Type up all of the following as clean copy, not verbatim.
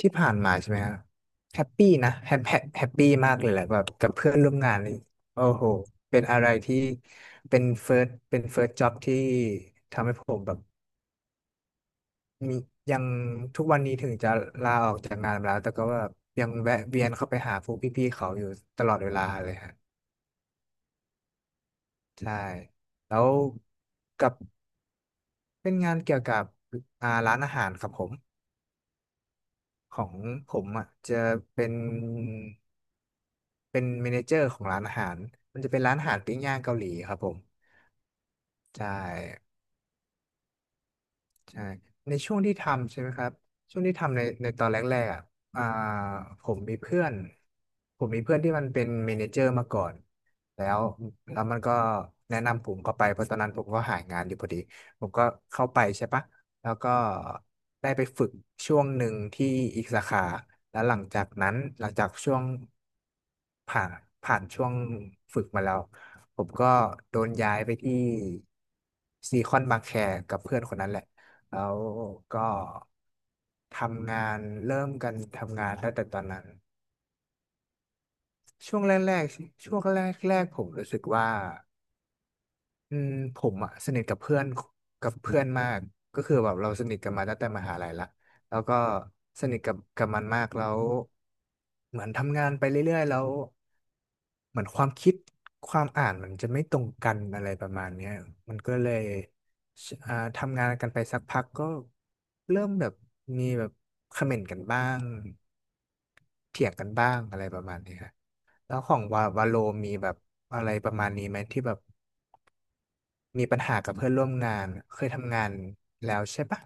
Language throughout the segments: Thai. ที่ผ่านมาใช่ไหมครับแฮปปี้นะแฮปปี้มากเลยแหละแบบกับเพื่อนร่วมงานเลยโอ้โหเป็นอะไรที่เป็นเฟิร์สจ็อบที่ทำให้ผมแบบมียังทุกวันนี้ถึงจะลาออกจากงานมาแล้วแต่ก็แบบยังแวะเวียนเข้าไปหาพวกพี่ๆเขาอยู่ตลอดเวลาเลยฮะใช่แล้วกับเป็นงานเกี่ยวกับร้านอาหารครับผมของผมอ่ะจะเป็น เป็นเมเนเจอร์ของร้านอาหาร มันจะเป็นร้านอาหารปิ้งย่างเกาหลีครับผมใช่ ใช่ในช่วงที่ทำใช่ไหมครับ ช่วงที่ทำในตอนแรกๆอ่ะอ่าผมมีเพื่อน ผมมีเพื่อนที่มันเป็นเมเนเจอร์มาก่อน แล้วแล้วมันก็แนะนำผมเข้าไปเพราะตอนนั้นผมก็หางานอยู่พอดีผมก็เข้าไปใช่ปะแล้วก็ได้ไปฝึกช่วงหนึ่งที่อีกสาขาแล้วหลังจากนั้นหลังจากช่วงผ่านผ่านช่วงฝึกมาแล้วผมก็โดนย้ายไปที่ซีคอนบางแคกับเพื่อนคนนั้นแหละ แล้วก็ทำงานเริ่มกันทำงานตั้งแต่ตอนนั้นช่วงแรกๆช่วงแรกผมรู้สึกว่าอืมผมอะสนิทกับเพื่อนมากก็คือแบบเราสนิทกันมาตั้งแต่มหาลัยละแล้วก็สนิทกับมันมากแล้วเหมือนทำงานไปเรื่อยๆแล้ว เหมือนความคิดความอ่านมันจะไม่ตรงกันอะไรประมาณเนี้ยมันก็เลยทำงานกันไปสักพักก็เริ่มแบบมีแบบคอมเมนต์กันบ้างเถียงกันบ้างอะไรประมาณนี้ครับแล้วของวาโลมีแบบอะไรประมาณนี้ไหมที่แบบมีปัญหากับเพื่อนร่วมงานเคยทำงานแล้วใช่ปะ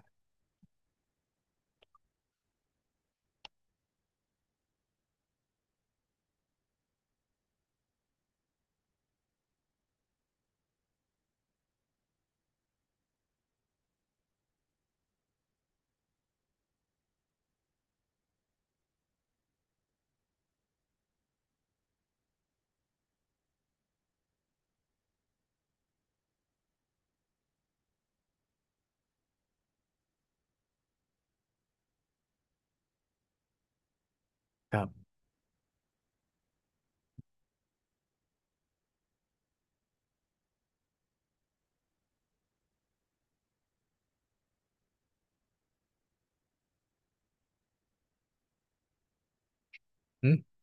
ครับอืม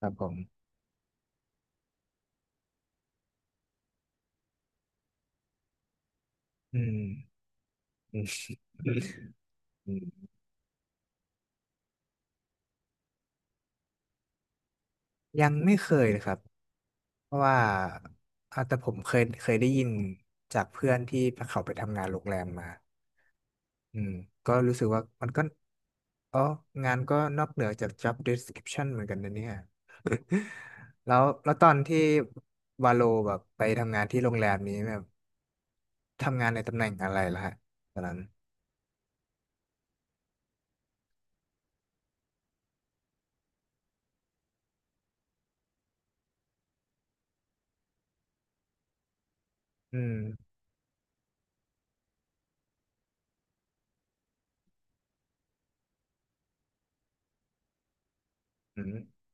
ครับผมอืมอืม ยังไม่เคยเลยครับ เพราะว่าอ่ะแต่ผมเคยได้ยินจากเพื่อนที่เขาไปทำงานโรงแรมมาอืมก็รู้สึกว่ามันก็อ๋องานก็นอกเหนือจาก job description เหมือนกันนะเนี่ย แล้วตอนที่วาโลแบบไปทำงานที่โรงแรมนี้แบบทำงานในตำแหน่งอะไรล่ะฮะตอนนั้นอืมอืม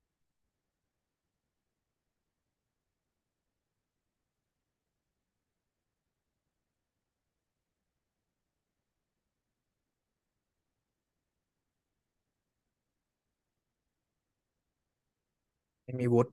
ไม่มีวุฒิ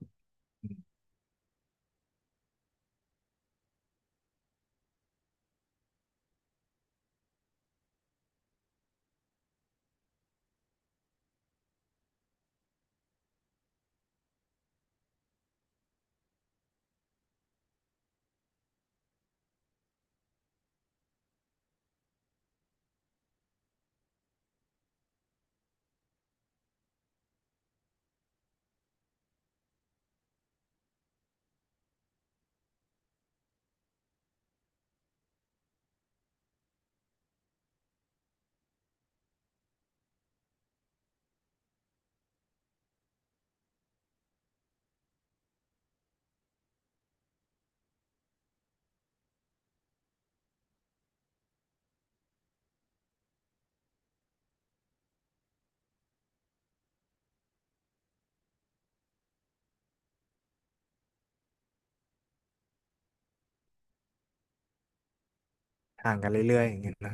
ห่างกันเรื่อยๆอย่างเงี้ยนะ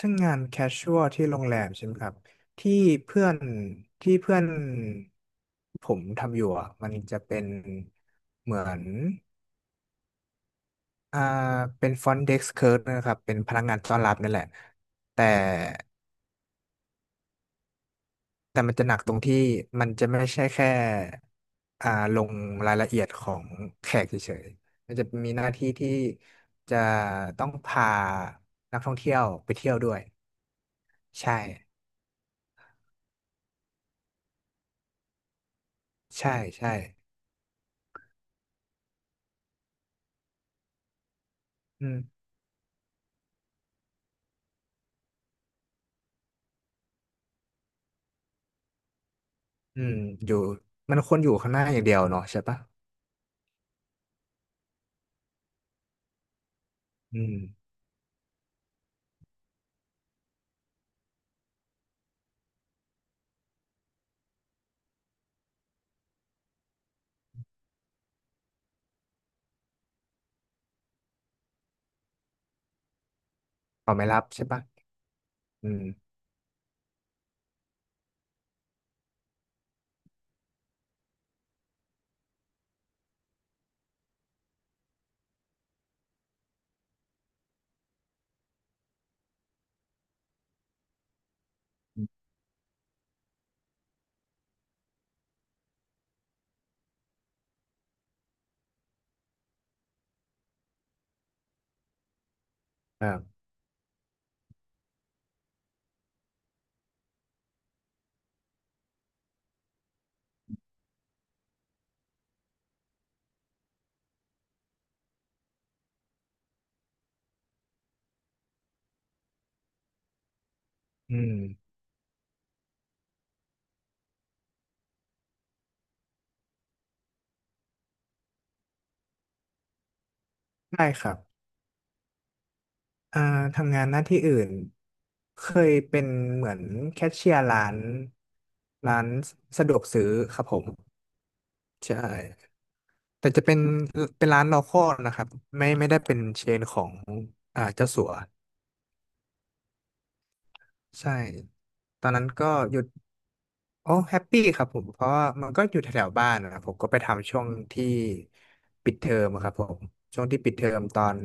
ทั้งงานแคชชวลที่โรงแรมใช่ไหมครับที่เพื่อนที่เพื่อนผมทำอยู่อะมันจะเป็นเหมือนอ่าเป็นฟรอนต์เด็กซ์เคิร์ฟนะครับเป็นพนักงานต้อนรับนั่นแหละแต่แต่มันจะหนักตรงที่มันจะไม่ใช่แค่อ่าลงรายละเอียดของแขกเฉยๆมันจะมีหน้าที่ที่จะต้องพานักท่องเที่ยวไปเที่ยวด้วยใช่ใช่ใช่อืม อืมอยู่มันควรอยู่ข้างหน้าอย่างเดียวเนาะใช่ปะอืมเขาไม่รับใช่ปะอืมครับอืมได้ครับอ่าทำงานหน้าที่อื่นเคยเป็นเหมือนแคชเชียร์ร้านสะดวกซื้อครับผมใช่แต่จะเป็นร้าน local นะครับไม่ได้เป็นเชนของอ่าเจ้าสัวใช่ตอนนั้นก็หยุด โอ้แฮปปี้ครับผมเพราะว่ามันก็อยู่แถวๆบ้านนะครับผมก็ไปทำช่วงที่ปิดเทอมครับผมช่วงที่ปิดเทอมตอน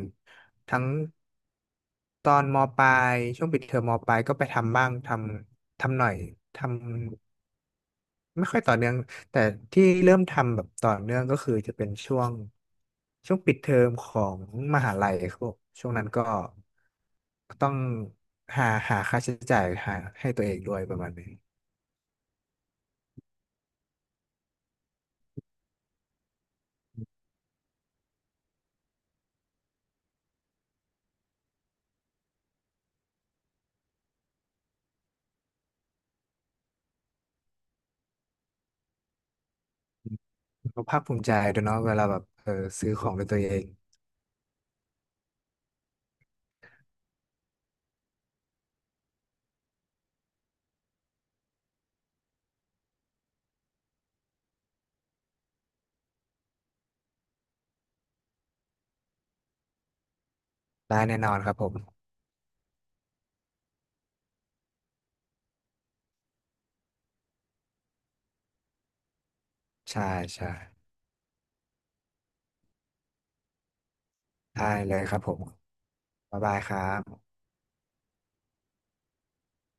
ทั้งตอนมปลายช่วงปิดเทอมมปลายก็ไปทำบ้างทำทำหน่อยทำไม่ค่อยต่อเนื่องแต่ที่เริ่มทำแบบต่อเนื่องก็คือจะเป็นช่วงปิดเทอมของมหาลัยครับผมช่วงนั้นก็ต้องหาค่าใช้จ่ายหาให้ตัวเองด้วยประมาณนี้ ก็ภาคภูมิใจด้วยเนาะเวลาแบบเออซื้อของด้วยตัวเองได้แน่นอนครับผมใช่ใช่ได้เลยครับผมบ๊ายบายครับ